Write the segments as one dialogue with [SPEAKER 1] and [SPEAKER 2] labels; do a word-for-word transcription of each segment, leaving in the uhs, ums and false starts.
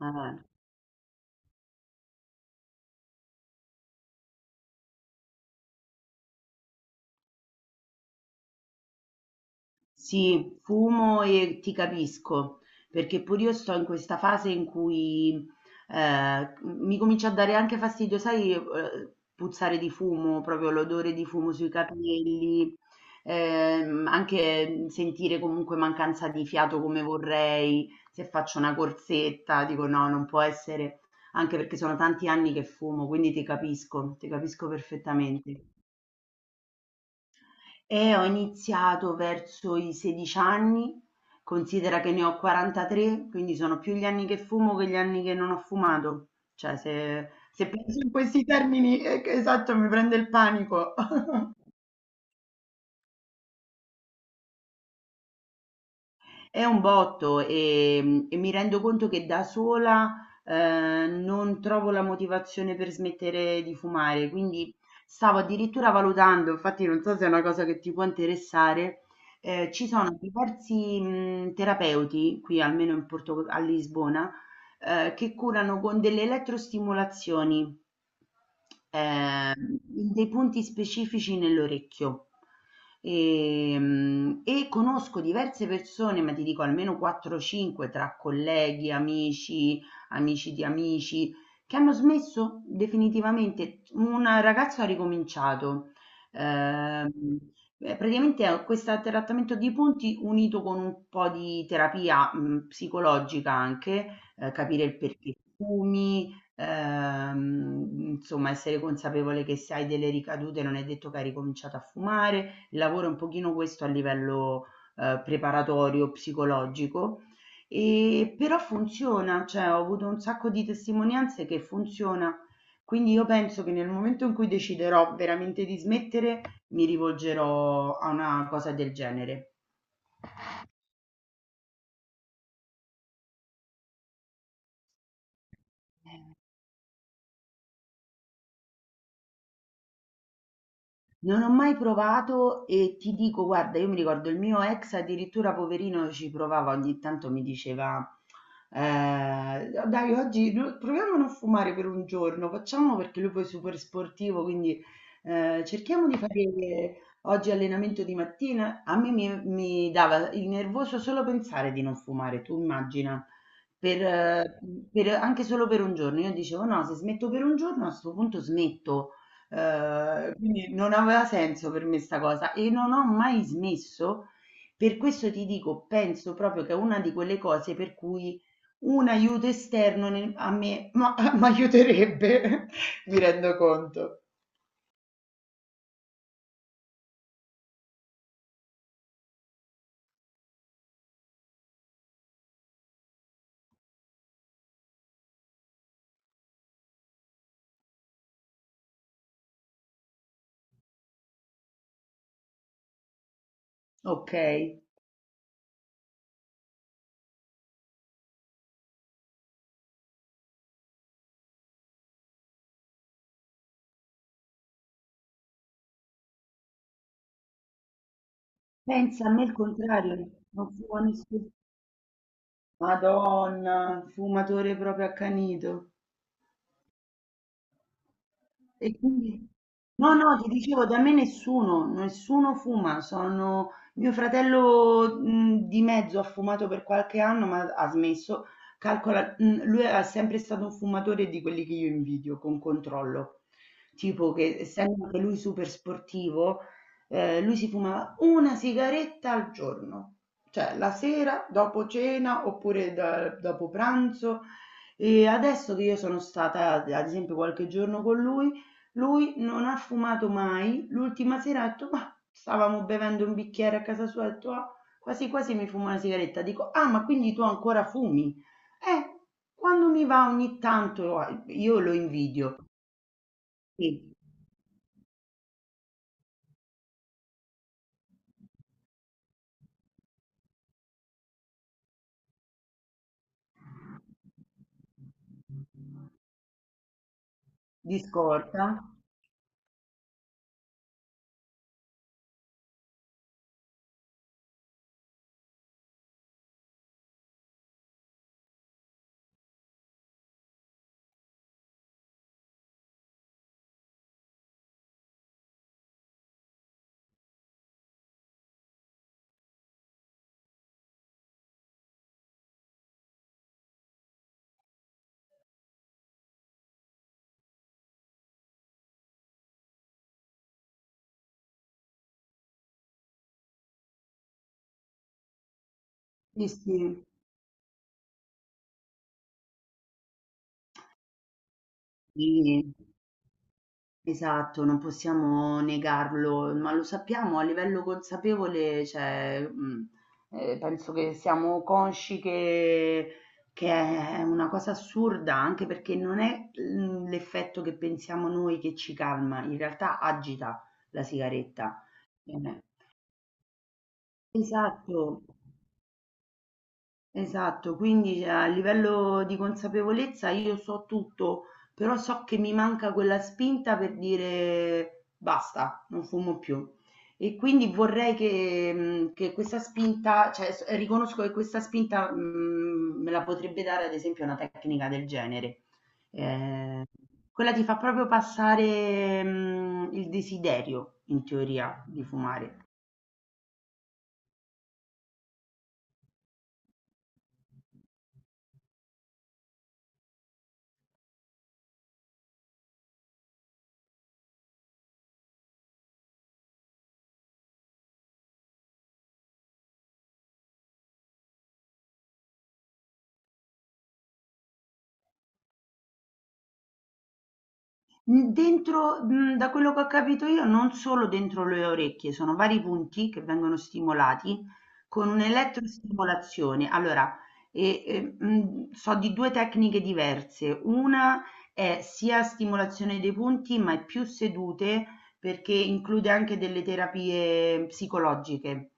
[SPEAKER 1] Eh, sì, fumo e ti capisco, perché pure io sto in questa fase in cui eh, mi comincia a dare anche fastidio, sai, eh, puzzare di fumo, proprio l'odore di fumo sui capelli, ehm, anche sentire comunque mancanza di fiato come vorrei, se faccio una corsetta, dico no, non può essere, anche perché sono tanti anni che fumo, quindi ti capisco, ti capisco perfettamente. Eh, ho iniziato verso i sedici anni, considera che ne ho quarantatré, quindi sono più gli anni che fumo che gli anni che non ho fumato. Cioè, se, se penso in questi termini, eh, che- esatto, mi prende il panico. È un botto e, e mi rendo conto che da sola eh, non trovo la motivazione per smettere di fumare, quindi stavo addirittura valutando, infatti non so se è una cosa che ti può interessare, eh, ci sono diversi mh, terapeuti qui almeno in Porto- a Lisbona, eh, che curano con delle elettrostimolazioni, eh, in dei punti specifici nell'orecchio. E, mm, e conosco diverse persone, ma ti dico almeno quattro a cinque tra colleghi, amici, amici di amici, che hanno smesso definitivamente. Un ragazzo ha ricominciato. ehm, eh, praticamente è questo trattamento di punti unito con un po' di terapia mh, psicologica anche, ehm, capire il perché fumi, ehm, insomma essere consapevole che se hai delle ricadute non è detto che hai ricominciato a fumare. Il lavoro è un pochino questo a livello, ehm, preparatorio, psicologico, ehm, però funziona, cioè ho avuto un sacco di testimonianze che funziona. Quindi io penso che nel momento in cui deciderò veramente di smettere, mi rivolgerò a una cosa del genere. Non ho mai provato e ti dico, guarda, io mi ricordo il mio ex addirittura poverino ci provava, ogni tanto mi diceva, eh, dai, oggi no- proviamo a non fumare per un giorno, facciamo perché lui poi è super sportivo, quindi eh, cerchiamo di fare oggi allenamento di mattina. A me mi, mi dava il nervoso solo pensare di non fumare, tu immagina. Per, eh, per- Anche solo per un giorno, io dicevo no, se smetto per un giorno a questo punto smetto. Ehm, quindi non aveva senso per me 'sta cosa e non ho mai smesso. Per questo ti dico, penso proprio che è una di quelle cose per cui un aiuto esterno nel a me ma m'aiuterebbe, mi rendo conto. Okay. Pensa, a me il contrario, non fumo nessu Madonna, fumatore proprio accanito. E quindi no, no, ti dicevo, da me nessuno, nessuno fuma, sono mio fratello mh, di mezzo, ha fumato per qualche anno, ma ha smesso. Calcola, mh, lui è sempre stato un fumatore di quelli che io invidio, con controllo. Tipo che essendo anche lui super sportivo, eh, lui si fumava una sigaretta al giorno, cioè la sera, dopo cena oppure da- dopo pranzo. E adesso che io sono stata, ad esempio, qualche giorno con lui, lui non ha fumato mai. L'ultima sera ha detto, ma stavamo bevendo un bicchiere a casa sua, ha detto, "Ah, quasi quasi mi fumo una sigaretta". Dico, ah, ma quindi tu ancora fumi? Eh, quando mi va ogni tanto. Ah, io lo invidio. Sì, di scorta? Sì, sì. Sì. Esatto, non possiamo negarlo, ma lo sappiamo a livello consapevole, cioè, mhmm, ehm, penso che siamo consci che che è una cosa assurda, anche perché non è, mhmm, l'effetto che pensiamo noi che ci calma, in realtà agita la sigaretta. Eh, Esatto. Esatto, quindi cioè, a livello di consapevolezza io so tutto, però so che mi manca quella spinta per dire basta, non fumo più. E quindi vorrei che, mh, che questa spinta, cioè s- riconosco che questa spinta, mh, me la potrebbe dare ad esempio una tecnica del genere. Eh, Quella ti fa proprio passare, mh, il desiderio, in teoria, di fumare. Dentro, mhmm, da quello che ho capito io, non solo dentro le orecchie, sono vari punti che vengono stimolati con un'elettrostimolazione. Allora, e e, mhmm, so di due tecniche diverse. Una è sia stimolazione dei punti, ma è più sedute perché include anche delle terapie psicologiche.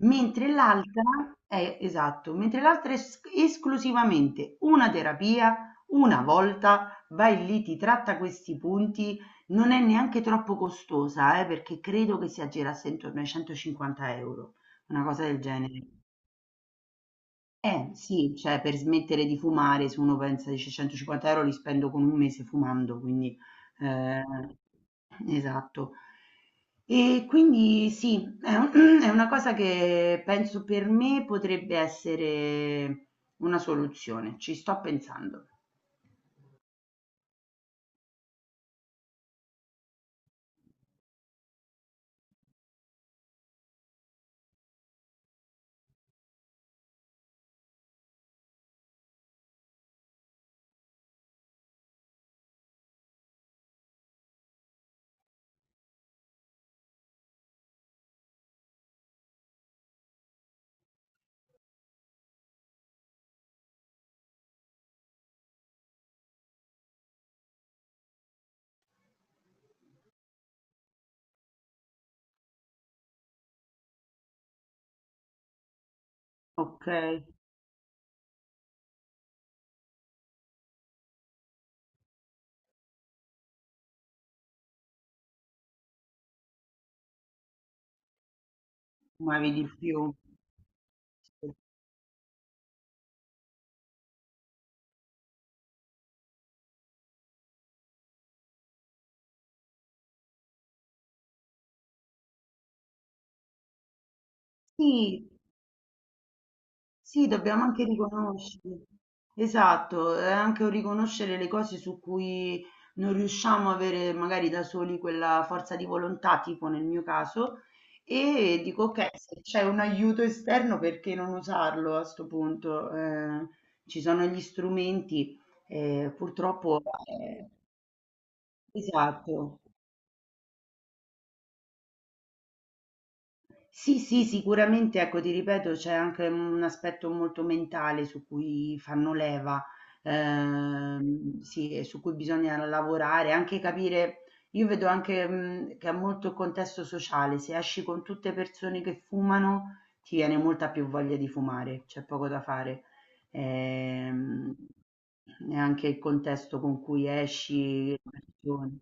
[SPEAKER 1] Mentre l'altra è esatto, Mentre l'altra è es esclusivamente una terapia, una volta vai lì, ti tratta questi punti, non è neanche troppo costosa, eh, perché credo che si aggirasse intorno ai centocinquanta euro, una cosa del genere. Eh sì, cioè per smettere di fumare, se uno pensa dice centocinquanta euro li spendo con un mese fumando, quindi eh, esatto. E quindi sì, è un- è una cosa che penso per me potrebbe essere una soluzione, ci sto pensando. Ok. Muovi di più. Sì, sì, dobbiamo anche riconoscere. Esatto, è anche un riconoscere le cose su cui non riusciamo a avere magari da soli quella forza di volontà, tipo nel mio caso, e dico ok, se c'è un aiuto esterno, perché non usarlo a sto punto? Eh, ci sono gli strumenti, eh, purtroppo, eh, esatto. Sì, sì, sicuramente, ecco, ti ripeto, c'è anche un aspetto molto mentale su cui fanno leva, ehm, sì, e su cui bisogna lavorare, anche capire, io vedo anche, mh, che ha molto il contesto sociale, se esci con tutte persone che fumano, ti viene molta più voglia di fumare, c'è poco da fare. Ehm, E anche il contesto con cui esci, le persone.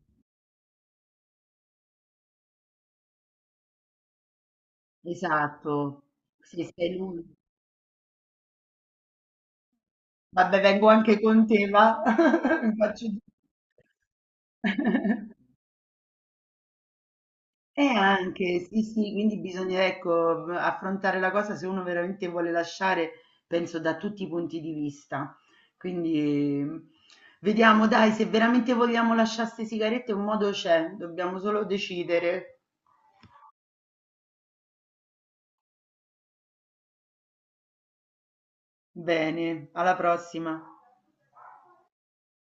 [SPEAKER 1] Esatto, se sei lui. Vabbè vengo anche con te va, mi faccio gi Eh anche, sì, sì, quindi bisogna ecco, affrontare la cosa se uno veramente vuole lasciare, penso da tutti i punti di vista. Quindi eh, vediamo dai, se veramente vogliamo lasciare 'ste sigarette un modo c'è, dobbiamo solo decidere. Bene, alla prossima.